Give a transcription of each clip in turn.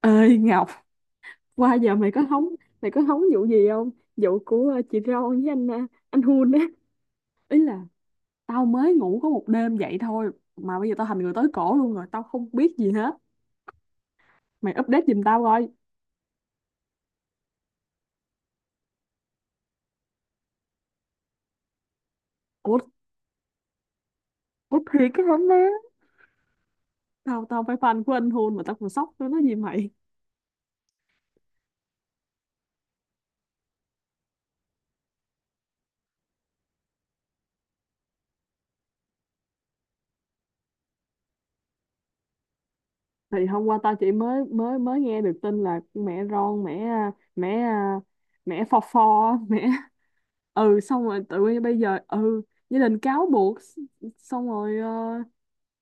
Ơi Ngọc, qua giờ mày có hóng vụ gì không? Vụ của chị Ron với anh Hun á. Ý là tao mới ngủ có một đêm vậy thôi mà bây giờ tao thành người tới cổ luôn rồi, tao không biết gì hết. Mày update giùm tao coi. Ủa, ủa, thiệt cái hóng đó. Tao tao phải fan của anh Hun mà tao còn sốc nữa, nói gì mày. Thì hôm qua tao chỉ mới mới mới nghe được tin là mẹ Ron, mẹ phò phò, mẹ ừ, xong rồi tự nhiên bây giờ ừ gia đình cáo buộc. Xong rồi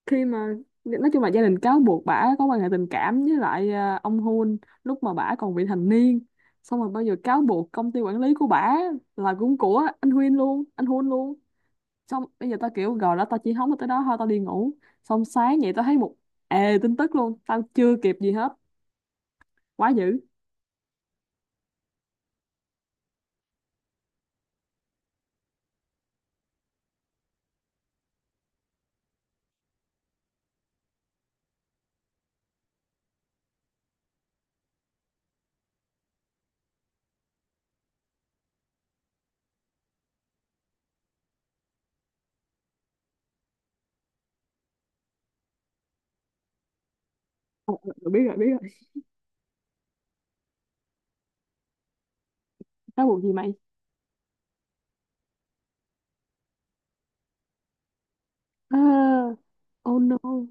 khi mà nói chung là gia đình cáo buộc bả có quan hệ tình cảm với lại ông Hun lúc mà bả còn vị thành niên. Xong rồi bây giờ cáo buộc công ty quản lý của bả là cũng của anh Huyên luôn, anh Hun luôn. Xong bây giờ tao kiểu rồi đó, tao chỉ hóng được tới đó thôi, tao đi ngủ. Xong sáng vậy tao thấy một ề tin tức luôn, tao chưa kịp gì hết. Quá dữ. Ờ, ờ, ờ, biết rồi, biết rồi. Cáo buộc gì mày? À, oh no.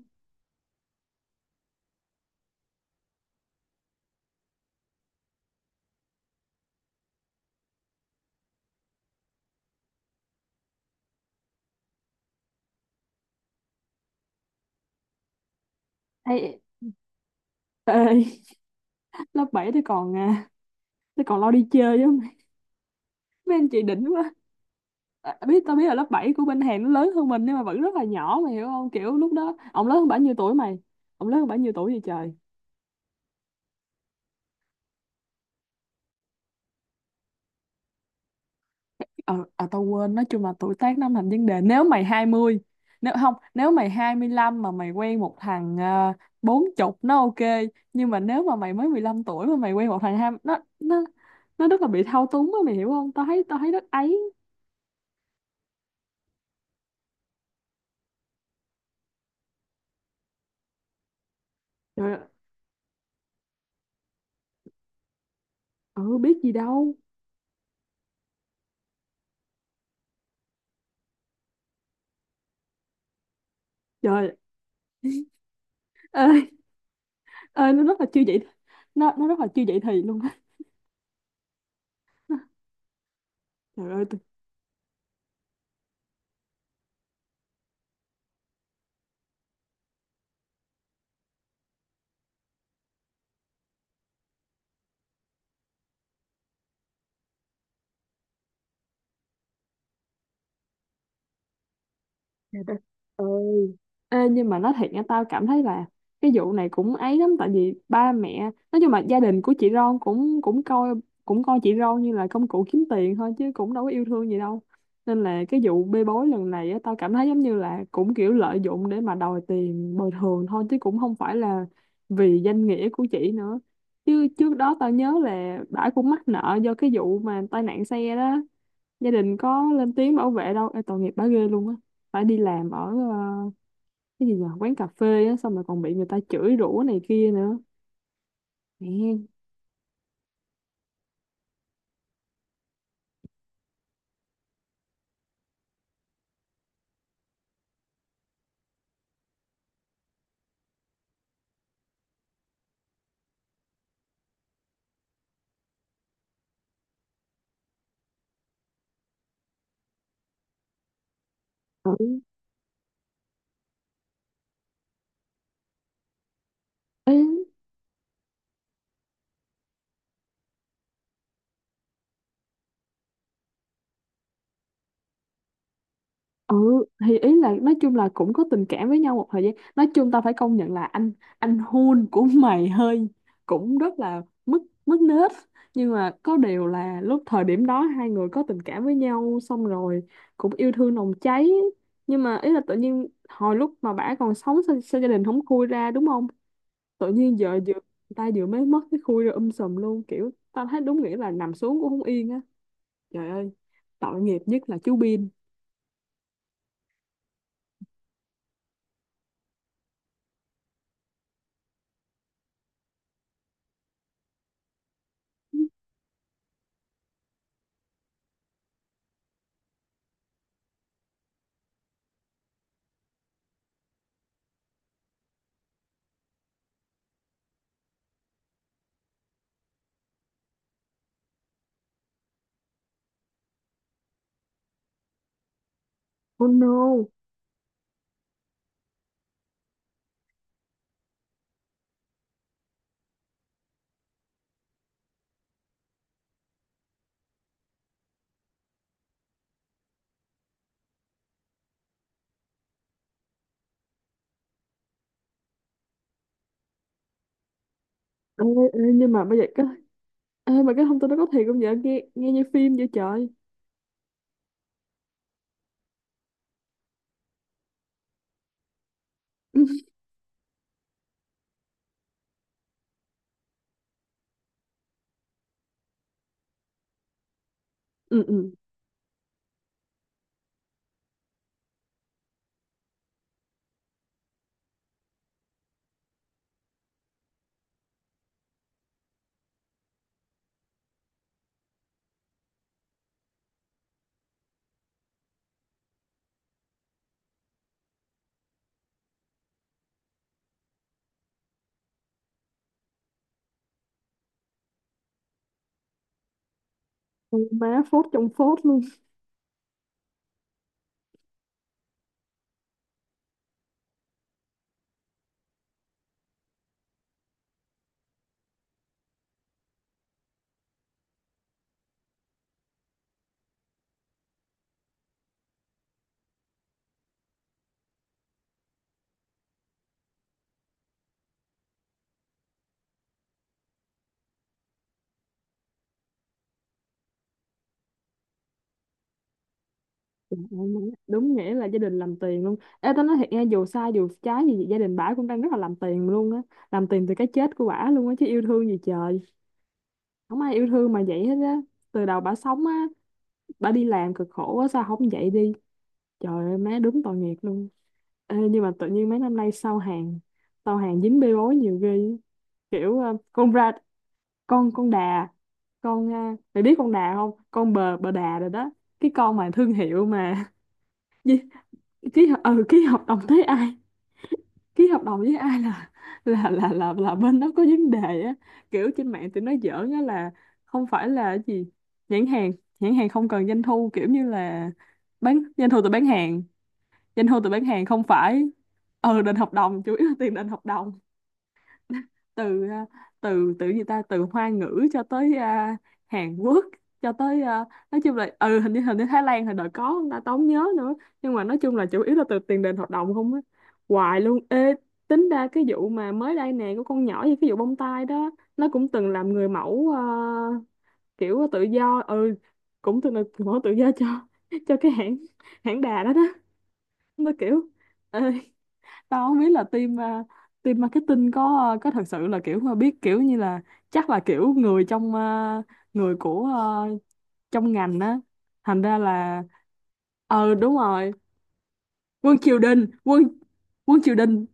Ê, ê, lớp 7 tôi còn lo đi chơi chứ. Mấy anh chị đỉnh quá. À, tao biết là lớp 7 của bên Hàn nó lớn hơn mình nhưng mà vẫn rất là nhỏ, mày hiểu không? Kiểu lúc đó ông lớn hơn bao nhiêu tuổi vậy trời? Tao quên, nói chung là tuổi tác nó thành vấn đề nếu mày 20, nếu không nếu mày 25 mà mày quen một thằng bốn chục, nó ok. Nhưng mà nếu mà mày mới 15 tuổi mà mày quen một thằng hai, nó rất là bị thao túng á, mày hiểu không? Tao thấy rất ấy. Trời ơi, ừ biết gì đâu. Trời ơi ơi, nó rất là chưa vậy, nó rất là chưa vậy thì luôn á. Trời ơi tôi. Trời đất ơi. Ê, nhưng mà nói thiệt nha, tao cảm thấy là cái vụ này cũng ấy lắm, tại vì ba mẹ, nói chung là gia đình của chị Ron cũng cũng coi chị Ron như là công cụ kiếm tiền thôi chứ cũng đâu có yêu thương gì đâu. Nên là cái vụ bê bối lần này á, tao cảm thấy giống như là cũng kiểu lợi dụng để mà đòi tiền bồi thường thôi chứ cũng không phải là vì danh nghĩa của chị nữa. Chứ trước đó tao nhớ là bả cũng mắc nợ do cái vụ mà tai nạn xe đó, gia đình có lên tiếng bảo vệ đâu. Ê, tội nghiệp bà ghê luôn á. Phải đi làm ở ờ, cái gì nhỉ, quán cà phê á, xong rồi còn bị người ta chửi rủa này kia nữa. Mẹ. Ừ. Ê, ừ thì ý là nói chung là cũng có tình cảm với nhau một thời gian, nói chung tao phải công nhận là anh Hun của mày hơi cũng rất là mất mất nết. Nhưng mà có điều là lúc thời điểm đó hai người có tình cảm với nhau xong rồi cũng yêu thương nồng cháy. Nhưng mà ý là tự nhiên hồi lúc mà bả còn sống sao gia đình không khui ra, đúng không? Tự nhiên giờ người ta vừa mới mất cái khui rồi sùm luôn, kiểu tao thấy đúng nghĩa là nằm xuống cũng không yên á. Trời ơi, tội nghiệp nhất là chú Bin. Oh no. Ê, ê, nhưng mà bây giờ mà cái thông tin đó có thiệt không vậy? Nghe nghe như phim vậy trời. Ừ, ừ. Ôi má, phốt trong phốt luôn. Trời ơi, má. Đúng nghĩa là gia đình làm tiền luôn. Ê tao nói thiệt nghe, dù sai dù trái gì gia đình bả cũng đang rất là làm tiền luôn á. Làm tiền từ cái chết của bả luôn á, chứ yêu thương gì trời, không ai yêu thương mà vậy hết á. Từ đầu bả sống á, bả đi làm cực khổ á, sao không vậy đi. Trời ơi má, đúng tội nghiệp luôn. Ê, nhưng mà tự nhiên mấy năm nay sau hàng dính bê bối nhiều ghê á. Kiểu con đà, mày biết con đà không? Con bờ bờ đà rồi đó. Cái con mà thương hiệu mà gì, ký hợp đồng với ai ký hợp đồng với ai là bên đó có vấn đề á. Kiểu trên mạng tụi nó giỡn á là không phải là cái gì, nhãn hàng nhãn hàng không cần doanh thu, kiểu như là doanh thu từ bán hàng, doanh thu từ bán hàng không phải, ừ đền hợp đồng, chủ yếu là tiền đền hợp đồng. Từ à, từ từ gì ta Từ Hoa ngữ cho tới Hàn Quốc, cho tới nói chung là ừ, hình như Thái Lan hồi đợt có ta tốn nhớ nữa. Nhưng mà nói chung là chủ yếu là từ tiền đền hoạt động không á, hoài luôn ê. Tính ra cái vụ mà mới đây nè của con nhỏ như cái vụ bông tai đó, nó cũng từng làm người mẫu kiểu tự do ừ, cũng từng là người mẫu tự do cho cái hãng, hãng đà đó đó. Nó kiểu ờ, tao không biết là team marketing có thật sự là kiểu mà biết kiểu như là chắc là kiểu người trong người của trong ngành á. Thành ra là đúng rồi, quân triều đình, quân quân triều đình,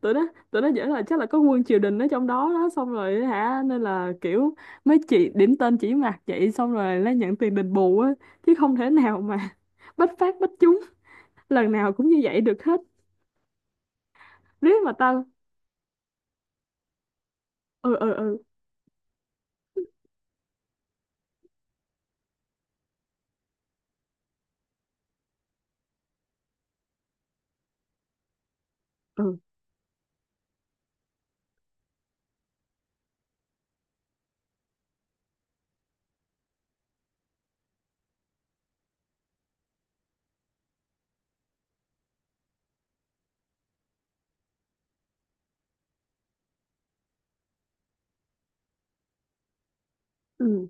tụi nó dễ là chắc là có quân triều đình ở trong đó đó, xong rồi hả. Nên là kiểu mấy chị điểm tên chỉ mặt vậy xong rồi nhận tiền đền bù á, chứ không thể nào mà bách phát bách trúng lần nào cũng như vậy được hết, riết mà tao. Ừ, ừ, ừ, ừ, ừ.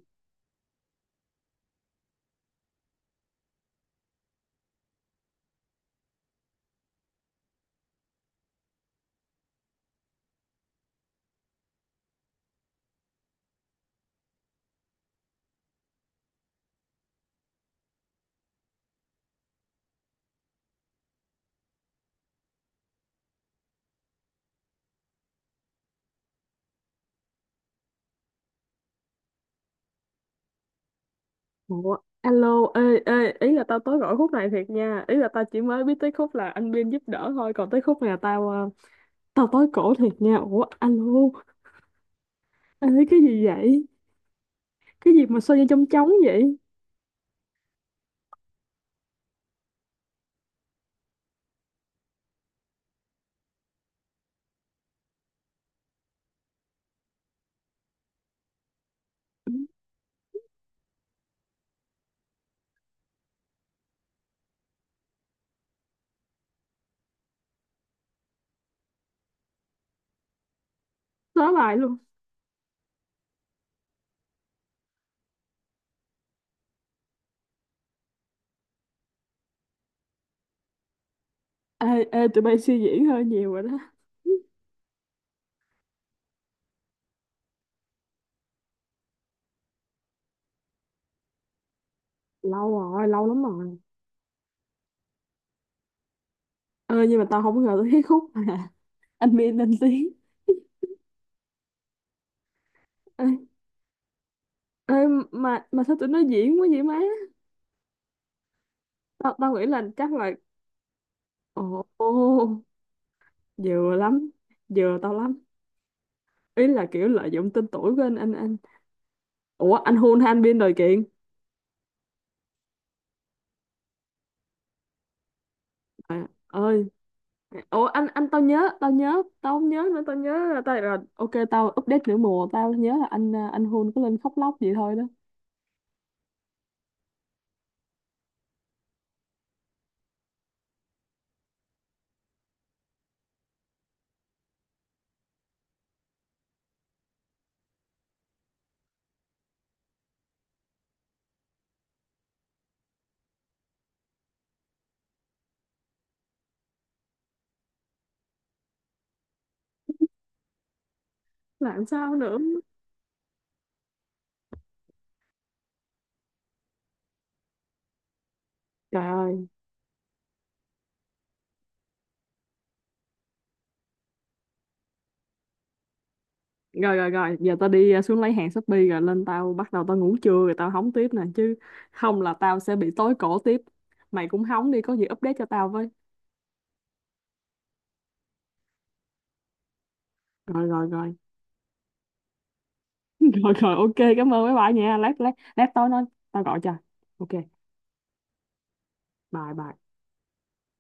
Ủa, alo, ê, ê, ý là tao tới gọi khúc này thiệt nha. Ý là tao chỉ mới biết tới khúc là anh Biên giúp đỡ thôi. Còn tới khúc này là tao tới cổ thiệt nha. Ủa, alo, ê, cái gì vậy? Cái gì mà sao như trong trống vậy? Nói lại luôn. Ê, ê, tụi bay suy diễn hơi nhiều rồi đó. Lâu rồi, lâu lắm rồi. Ê, nhưng mà tao không ngờ tới cái khúc mà anh Biên lên tiếng. Ê, ê, mà sao tụi nó diễn quá vậy má? Tao nghĩ là chắc là, ồ, vừa lắm, vừa tao lắm, ý là kiểu lợi dụng tên tuổi của anh, ủa anh hôn han biên rồi kiện. À, ơi, ủa anh, tao nhớ, tao không nhớ nữa, tao nhớ là tao rồi, ok tao update nửa mùa. Tao nhớ là anh hôn có lên khóc lóc vậy thôi đó. Làm sao nữa trời ơi. Rồi rồi rồi, giờ tao đi xuống lấy hàng Shopee rồi lên, tao bắt đầu tao ngủ trưa rồi tao hóng tiếp nè, chứ không là tao sẽ bị tối cổ tiếp. Mày cũng hóng đi, có gì update cho tao với. Rồi rồi rồi, rồi rồi, ok cảm ơn mấy bạn nha, lát lát lát tối nói, tao gọi cho. Ok. Bye bye.